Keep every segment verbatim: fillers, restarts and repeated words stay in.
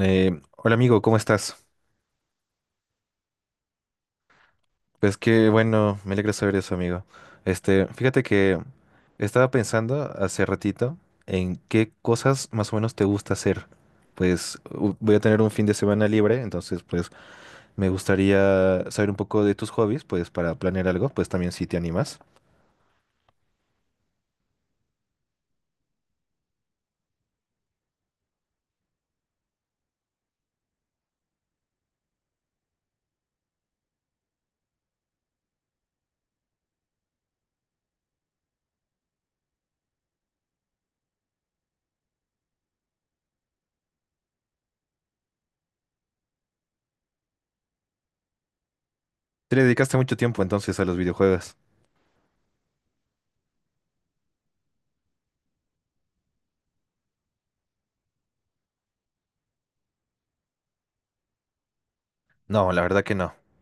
Eh, hola amigo, ¿cómo estás? Pues qué bueno, me alegra saber eso, amigo. Este, fíjate que estaba pensando hace ratito en qué cosas más o menos te gusta hacer. Pues u- voy a tener un fin de semana libre, entonces pues me gustaría saber un poco de tus hobbies, pues para planear algo, pues también si te animas. ¿Te le dedicaste mucho tiempo entonces a los videojuegos? No, la verdad que no.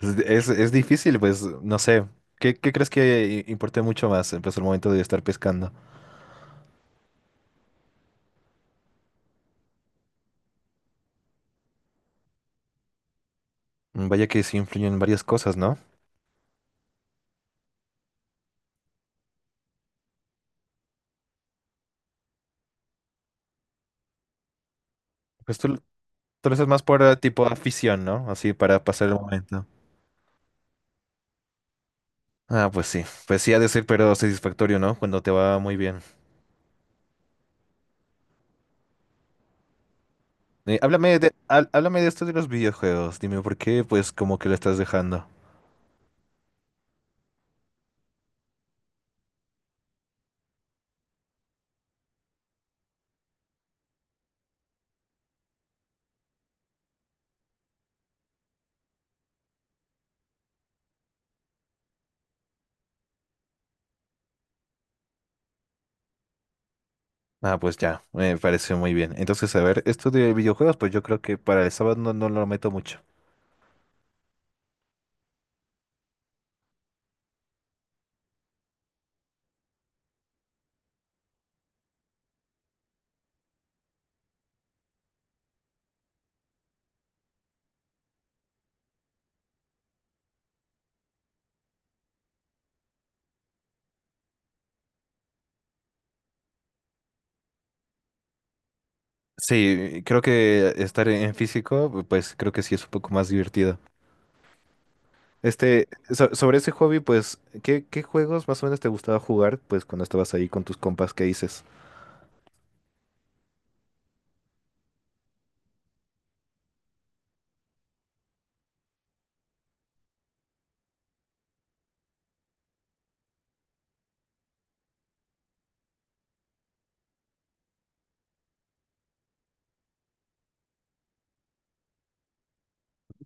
Es, es, es difícil, pues no sé. ¿Qué, qué crees que i- importe mucho más? Pues el momento de estar pescando. Vaya que sí influyen varias cosas, ¿no? Pues tú, tú lo haces más por eh, tipo afición, ¿no? Así para pasar el momento. Ah, pues sí. Pues sí ha de ser, pero satisfactorio, ¿no? Cuando te va muy bien. Eh, háblame de, há- háblame de esto de los videojuegos. Dime por qué, pues, como que lo estás dejando. Ah, pues ya, me parece muy bien. Entonces, a ver, esto de videojuegos, pues yo creo que para el sábado no, no lo meto mucho. Sí, creo que estar en físico, pues creo que sí es un poco más divertido. Este, so- sobre ese hobby, pues, ¿qué, qué juegos más o menos te gustaba jugar, pues, cuando estabas ahí con tus compas? ¿Qué dices?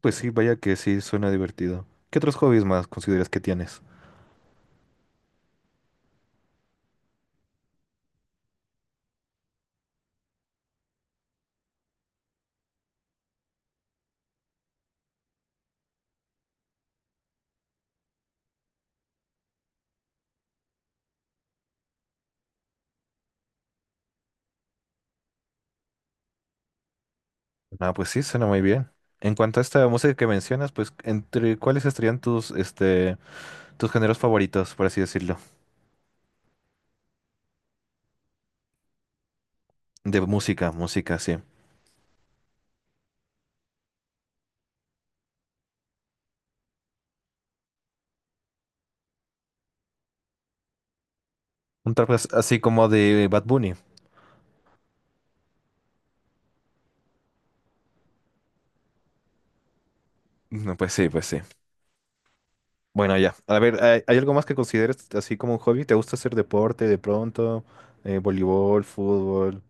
Pues sí, vaya que sí, suena divertido. ¿Qué otros hobbies más consideras que tienes? Ah, pues sí, suena muy bien. En cuanto a esta música que mencionas, pues, ¿entre cuáles estarían tus, este, tus géneros favoritos, por así decirlo? De música, música, sí. Un trap as- así como de Bad Bunny. No, pues sí, pues sí. Bueno, ya. A ver, ¿hay, hay algo más que consideres así como un hobby? ¿Te gusta hacer deporte de pronto? Eh, voleibol, fútbol.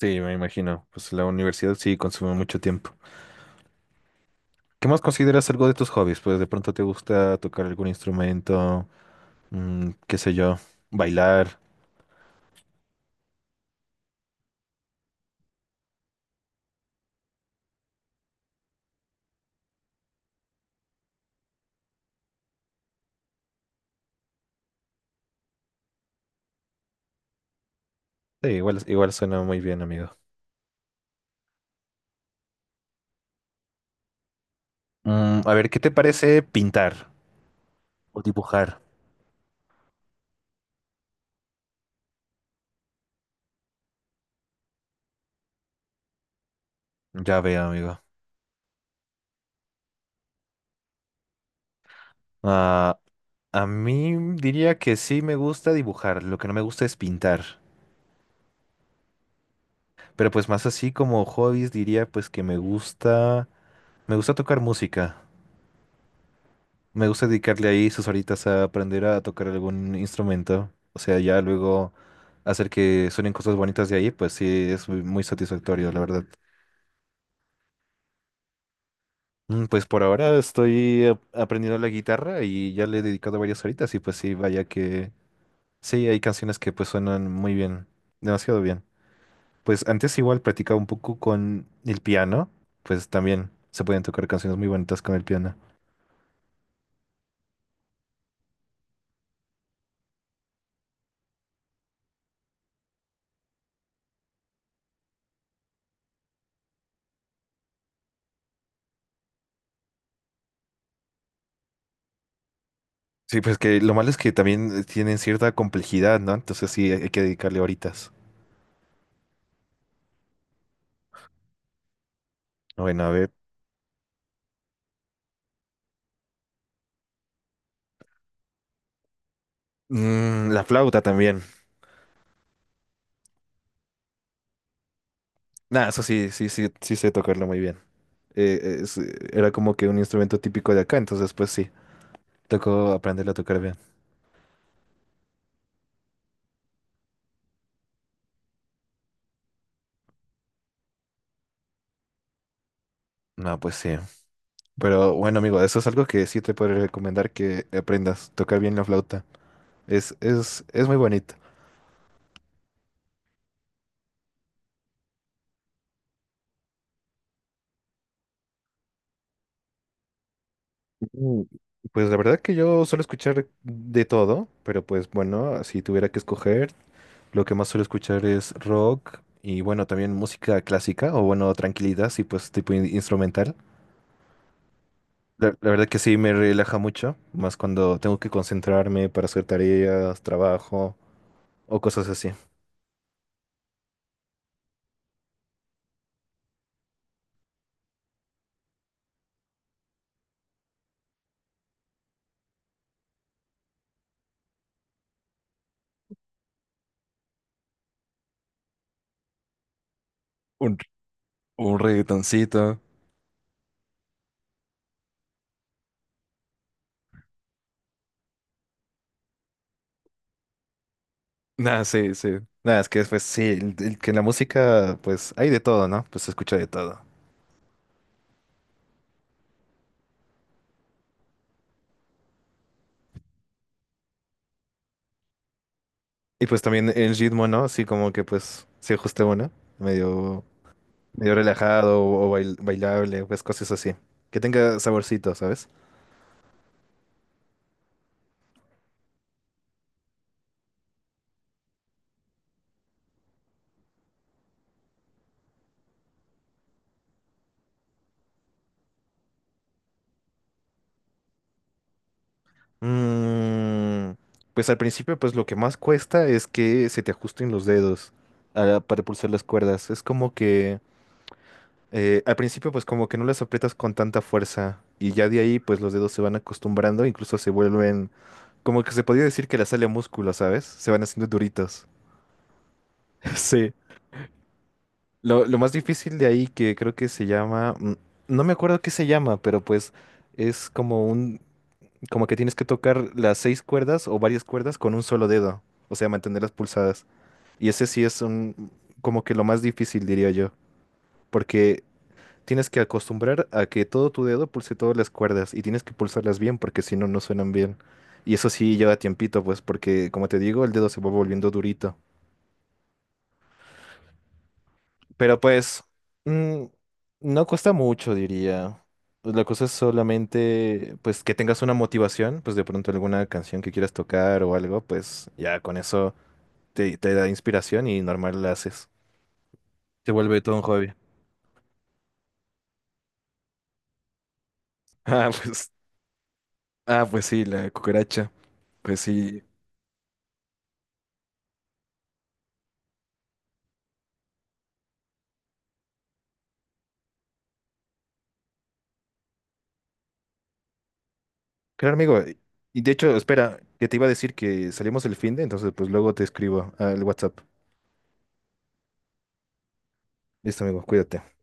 Sí, me imagino. Pues la universidad sí consume mucho tiempo. ¿Qué más consideras algo de tus hobbies? Pues de pronto te gusta tocar algún instrumento, mm, qué sé yo, bailar. Sí, igual, igual suena muy bien, amigo. Mm, a ver, ¿qué te parece pintar o dibujar? Ya veo, amigo. Ah, a mí diría que sí me gusta dibujar, lo que no me gusta es pintar. Pero pues más así como hobbies diría pues que me gusta, me gusta tocar música. Me gusta dedicarle ahí sus horitas a aprender a tocar algún instrumento. O sea, ya luego hacer que suenen cosas bonitas de ahí, pues sí, es muy muy satisfactorio, la verdad. Mm, pues por ahora estoy ap- aprendiendo la guitarra y ya le he dedicado varias horitas y pues sí, vaya que sí, hay canciones que pues suenan muy bien, demasiado bien. Pues antes igual practicaba un poco con el piano, pues también se pueden tocar canciones muy bonitas con el piano. Sí, pues que lo malo es que también eh, tienen cierta complejidad, ¿no? Entonces sí, hay que dedicarle horitas. Bueno, a ver. Mm, la flauta también. Nah, eso sí, sí, sí, sí sé tocarlo muy bien. Eh, es- eh, era como que un instrumento típico de acá, entonces pues sí, tocó aprenderlo a tocar bien. No, pues sí. Pero bueno, amigo, eso es algo que sí te puedo recomendar que aprendas, tocar bien la flauta. Es, es, es muy bonito. Mm, pues la verdad que yo suelo escuchar de todo, pero pues bueno, si tuviera que escoger, lo que más suelo escuchar es rock y bueno, también música clásica o bueno, tranquilidad, sí, pues tipo in- instrumental. La, la verdad que sí me relaja mucho, más cuando tengo que concentrarme para hacer tareas, trabajo o cosas así. Un, un reggaetoncito. Nada, sí, sí. Nada, es que pues sí, el- el- que en la música pues hay de todo, ¿no? Pues se escucha de todo. Y pues también el ritmo, ¿no? Así como que pues se ajuste uno, medio, medio relajado o, bail- bailable, pues cosas así. Que tenga saborcito, ¿sabes? Mm, pues al principio, pues lo que más cuesta es que se te ajusten los dedos ah, para pulsar las cuerdas. Es como que eh, al principio, pues como que no las aprietas con tanta fuerza y ya de ahí, pues los dedos se van acostumbrando, incluso se vuelven, como que se podría decir que la sale a músculo, ¿sabes? Se van haciendo duritos. Sí. Lo, lo más difícil de ahí que creo que se llama, mm, no me acuerdo qué se llama, pero pues es como un como que tienes que tocar las seis cuerdas o varias cuerdas con un solo dedo, o sea, mantenerlas pulsadas. Y ese sí es un, como que lo más difícil, diría yo, porque tienes que acostumbrar a que todo tu dedo pulse todas las cuerdas y tienes que pulsarlas bien porque si no, no suenan bien. Y eso sí lleva tiempito, pues, porque como te digo, el dedo se va volviendo durito. Pero pues, mm, no cuesta mucho, diría. Pues la cosa es solamente, pues, que tengas una motivación, pues de pronto alguna canción que quieras tocar o algo, pues ya con eso te, te da inspiración y normal la haces. Se vuelve todo un hobby. Ah, pues, ah, pues sí, la cucaracha. Pues sí. Claro, amigo. eh, Y de hecho, espera, que te iba a decir que salimos el fin de, entonces pues luego te escribo al WhatsApp. Listo, amigo, cuídate.